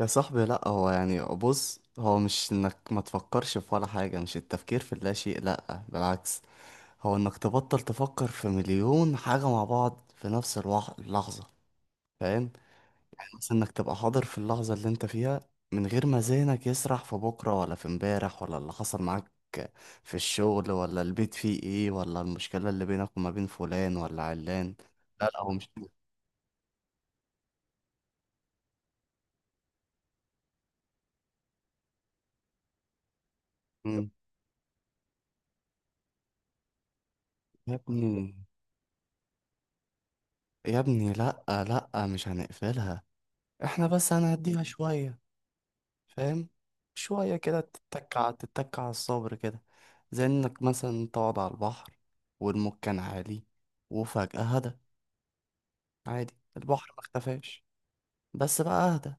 يا صاحبي، لا هو يعني بص هو مش انك ما تفكرش في ولا حاجة، مش التفكير في لا شيء، لا بالعكس. هو انك تبطل تفكر في مليون حاجة مع بعض في نفس اللحظة. فاهم؟ يعني مثلا انك تبقى حاضر في اللحظة اللي انت فيها، من غير ما ذهنك يسرح في بكرة ولا في امبارح ولا اللي حصل معاك في الشغل ولا البيت فيه ايه، ولا المشكلة اللي بينك وما بين فلان ولا علان. لا لا هو مش. مم. يا ابني، يا ابني لا، لا مش هنقفلها، احنا بس هنهديها شوية. فاهم؟ شوية كده. تتكع على الصبر كده، زي انك مثلا تقعد على البحر والموج كان عالي وفجأة هدى. عادي، البحر ما اختفاش، بس بقى اهدى،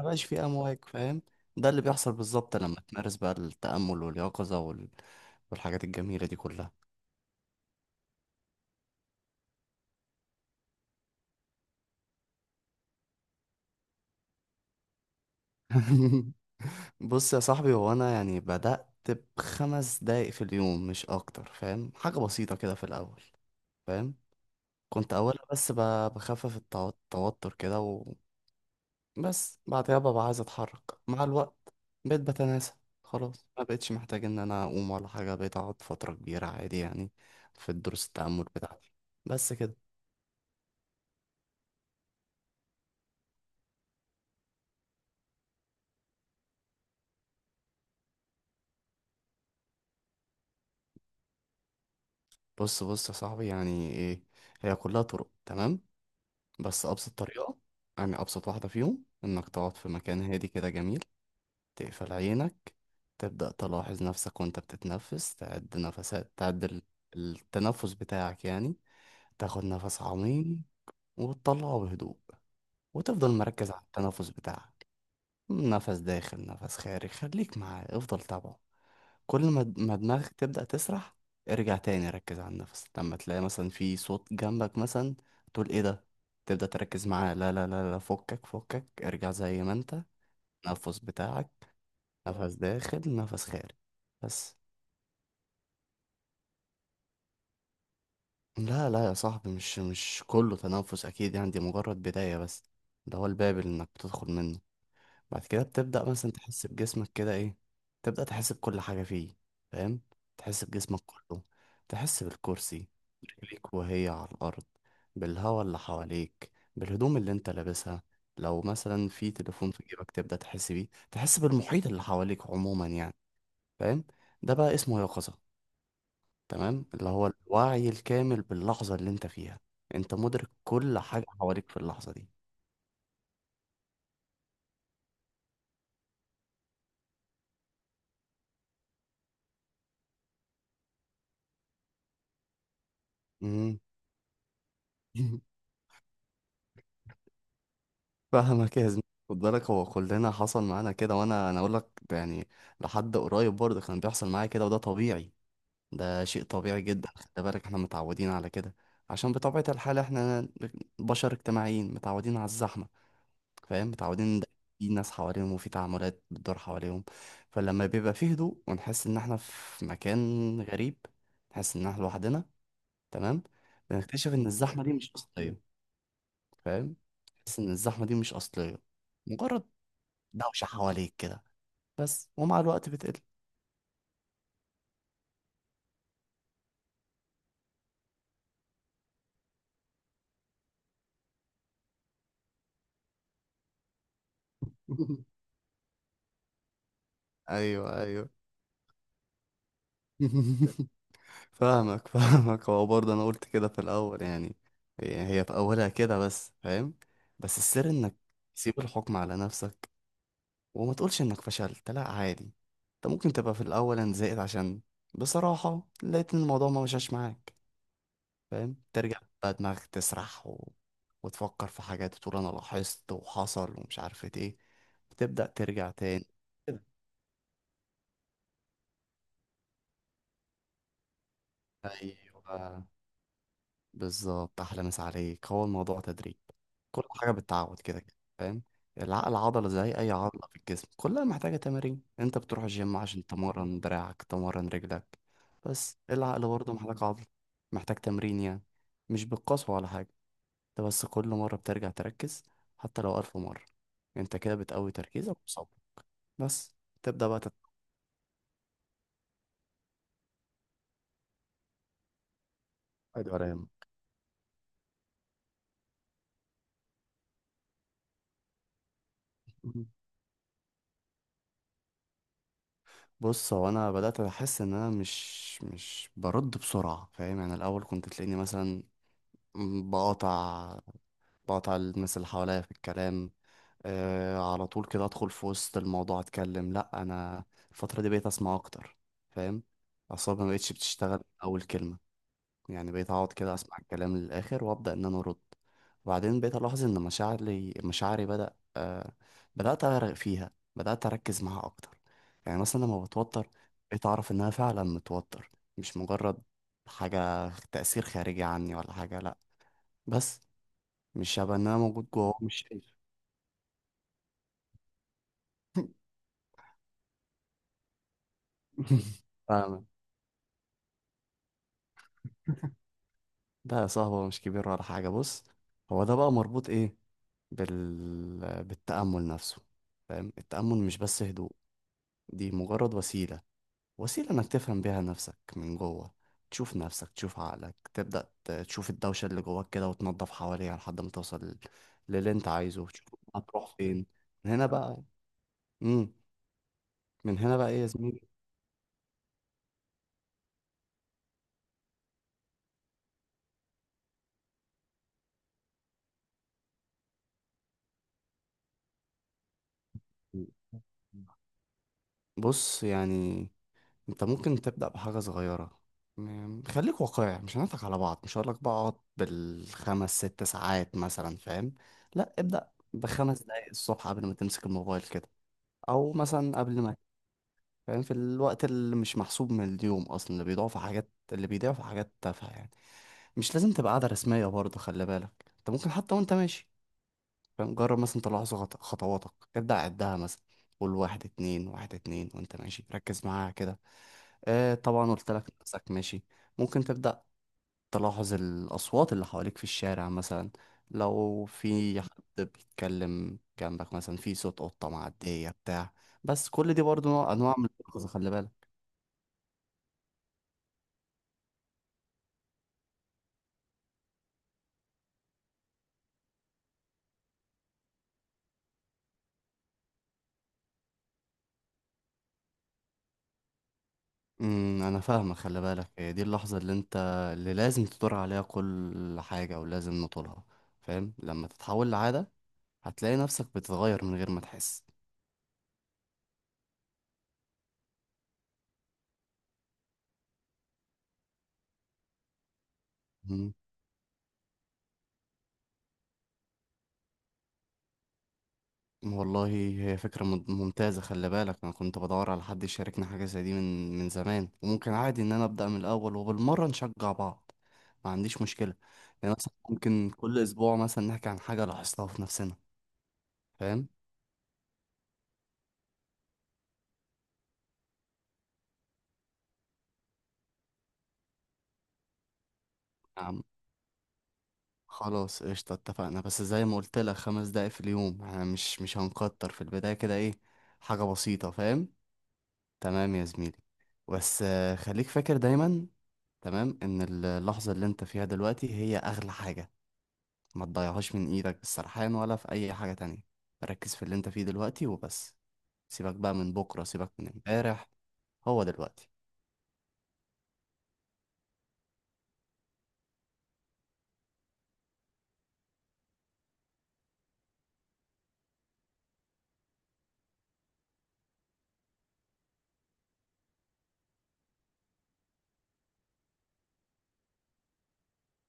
مبقاش فيه امواج. فاهم؟ ده اللي بيحصل بالظبط لما تمارس بقى التأمل واليقظة والحاجات الجميلة دي كلها. بص يا صاحبي، هو انا يعني بدأت ب5 دقايق في اليوم، مش اكتر. فاهم؟ حاجة بسيطة كده في الاول. فاهم؟ كنت أولها بس بخفف التوتر كده، وبس بعدها ببقى عايز أتحرك. مع الوقت بقيت بتناسى، خلاص ما بقتش محتاج إن أنا أقوم ولا حاجة، بقيت أقعد فترة كبيرة عادي يعني في دروس التأمل بتاعتي. بس كده. بص بص يا صاحبي، يعني إيه؟ هي كلها طرق، تمام. بس أبسط طريقة، يعني أبسط واحدة فيهم، إنك تقعد في مكان هادي كده جميل، تقفل عينك، تبدأ تلاحظ نفسك وأنت بتتنفس، تعد نفسات، تعد التنفس بتاعك يعني. تاخد نفس عميق وتطلعه بهدوء، وتفضل مركز على التنفس بتاعك. نفس داخل، نفس خارج، خليك معاه، افضل تابعه. كل ما ما دماغك تبدأ تسرح، ارجع تاني ركز على النفس. لما تلاقي مثلا في صوت جنبك مثلا، تقول ايه ده، تبدأ تركز معاه، لا لا لا لا، فكك فكك، ارجع زي ما انت، نفس بتاعك، نفس داخل نفس خارج. بس. لا لا يا صاحبي، مش كله تنفس اكيد يعني، دي مجرد بداية بس، ده هو الباب اللي انك بتدخل منه. بعد كده بتبدأ مثلا تحس بجسمك كده، ايه؟ تبدأ تحس بكل حاجة فيه. فاهم؟ تحس بجسمك كله، تحس بالكرسي، رجليك وهي على الأرض، بالهواء اللي حواليك، بالهدوم اللي انت لابسها، لو مثلا في تليفون في جيبك تبدأ تحس بيه، تحس بالمحيط اللي حواليك عموما يعني. فاهم؟ ده بقى اسمه يقظة، تمام، اللي هو الوعي الكامل باللحظة اللي انت فيها، انت مدرك كل حاجة حواليك في اللحظة دي. مم. فاهمك يا زميلي. خد بالك، هو كلنا حصل معانا كده، وانا اقول لك يعني، لحد قريب برضه كان بيحصل معايا كده، وده طبيعي، ده شيء طبيعي جدا. خد بالك احنا متعودين على كده، عشان بطبيعة الحال احنا بشر اجتماعيين متعودين على الزحمة. فاهم؟ متعودين إن في ناس حواليهم وفي تعاملات بتدور حواليهم، فلما بيبقى فيه هدوء ونحس ان احنا في مكان غريب، نحس ان احنا لوحدنا، تمام. بنكتشف ان الزحمة دي مش أصلية. فاهم؟ نحس ان الزحمة دي مش أصلية، مجرد دوشة حواليك كده، بس ومع الوقت بتقل. ايوه ايوه، فاهمك. فاهمك. هو برضه انا قلت كده في الاول يعني، يعني هي في اولها كده بس. فاهم؟ بس السر انك تسيب الحكم على نفسك، وما تقولش انك فشلت، لا عادي. انت ممكن تبقى في الاول انا زهقت، عشان بصراحة لقيت ان الموضوع ما مشاش معاك. فاهم؟ ترجع بقى دماغك تسرح وتفكر في حاجات، وتقول انا لاحظت وحصل ومش عارف ايه، بتبدأ ترجع تاني. ايوه بالظبط، احلى مسا عليك. هو الموضوع تدريب، كل حاجه بالتعود كده كده. فاهم؟ العقل عضله زي اي عضله في الجسم، كلها محتاجه تمارين، انت بتروح الجيم عشان تمرن دراعك تمرن رجلك. بس العقل برضه محتاج عضله، محتاج تمرين يعني، مش بالقسوه ولا حاجه. انت بس كل مره بترجع تركز، حتى لو الف مره، انت كده بتقوي تركيزك وصبرك. بس تبدا بقى تتعود ولا يهمك. بص، هو انا بدات احس ان انا مش برد بسرعه. فاهم يعني الاول كنت تلاقيني مثلا بقاطع، بقاطع الناس اللي حواليا في الكلام، آه على طول كده ادخل في وسط الموضوع اتكلم. لا انا الفتره دي بقيت اسمع اكتر. فاهم؟ اعصابي ما بقتش بتشتغل من اول كلمه، يعني بقيت اقعد كده اسمع الكلام للاخر وابدا ان انا ارد. وبعدين بقيت الاحظ ان مشاعري، مشاعري بدا آه، بدات اغرق فيها، بدات اركز معاها اكتر. يعني مثلا لما بتوتر بقيت اعرف ان انا فعلا متوتر، مش مجرد حاجه تاثير خارجي عني ولا حاجه، لا. بس مش شبه ان انا موجود جوه مش شايف. فاهم. ده يا صاحبي هو مش كبير ولا حاجه، بص، هو ده بقى مربوط ايه، بالتامل نفسه. فاهم؟ التامل مش بس هدوء، دي مجرد وسيله، وسيلة إنك تفهم بيها نفسك من جوه، تشوف نفسك، تشوف عقلك، تبدأ تشوف الدوشة اللي جواك كده وتنظف حواليها لحد ما توصل للي أنت عايزه، تشوف هتروح فين من هنا بقى. مم. من هنا بقى إيه يا زميلي؟ بص، يعني أنت ممكن تبدأ بحاجة صغيرة، خليك واقعي، مش هنضحك على بعض، مش هقولك بقى اقعد بالخمس ست ساعات مثلا. فاهم؟ لا ابدأ ب5 دقايق الصبح قبل ما تمسك الموبايل كده، أو مثلا قبل ما، فاهم، في الوقت اللي مش محسوب من اليوم اصلا، اللي بيضيعوا في حاجات، اللي بيضيعوا في حاجات تافهه يعني. مش لازم تبقى قاعده رسميه برضه، خلي بالك، انت ممكن حتى وانت ماشي. فاهم؟ جرب مثلا تلاحظ خطواتك، ابدا عدها مثلا، قول واحد اتنين، واحد اتنين، وانت ماشي ركز معاها كده. آه طبعا قلت لك نفسك ماشي. ممكن تبدا تلاحظ الاصوات اللي حواليك في الشارع مثلا، لو في حد بيتكلم جنبك مثلا، في صوت قطه معديه بتاع. بس كل دي برضه نوع انواع من الإنقاذ، خلي بالك. انا فاهمك. خلي بالك، هي دي اللحظه اللي انت، اللي لازم تدور عليها، كل حاجه ولازم نطولها. فاهم؟ لما تتحول لعاده هتلاقي نفسك بتتغير من غير ما تحس. مم. والله هي فكره ممتازه. خلي بالك انا كنت بدور على حد يشاركني حاجه زي دي من زمان، وممكن عادي ان انا ابدا من الاول وبالمره نشجع بعض، ما عنديش مشكله. يعني مثلا ممكن كل اسبوع مثلا نحكي عن حاجه لاحظتها في نفسنا. فاهم؟ نعم. خلاص قشطة، اتفقنا، بس زي ما قلت لك 5 دقايق في اليوم، احنا مش هنكتر في البداية كده ايه، حاجة بسيطة. فاهم؟ تمام يا زميلي. بس آه، خليك فاكر دايما، تمام، ان اللحظة اللي انت فيها دلوقتي هي اغلى حاجة، ما تضيعهاش من ايدك بالسرحان ولا في اي حاجة تانية. ركز في اللي انت فيه دلوقتي وبس، سيبك بقى من بكرة، سيبك من امبارح، هو دلوقتي.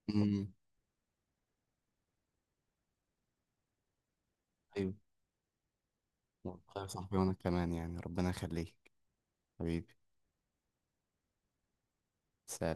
امم ايوه والله يا صاحبي، وانا كمان يعني، ربنا يخليك حبيبي. سلام.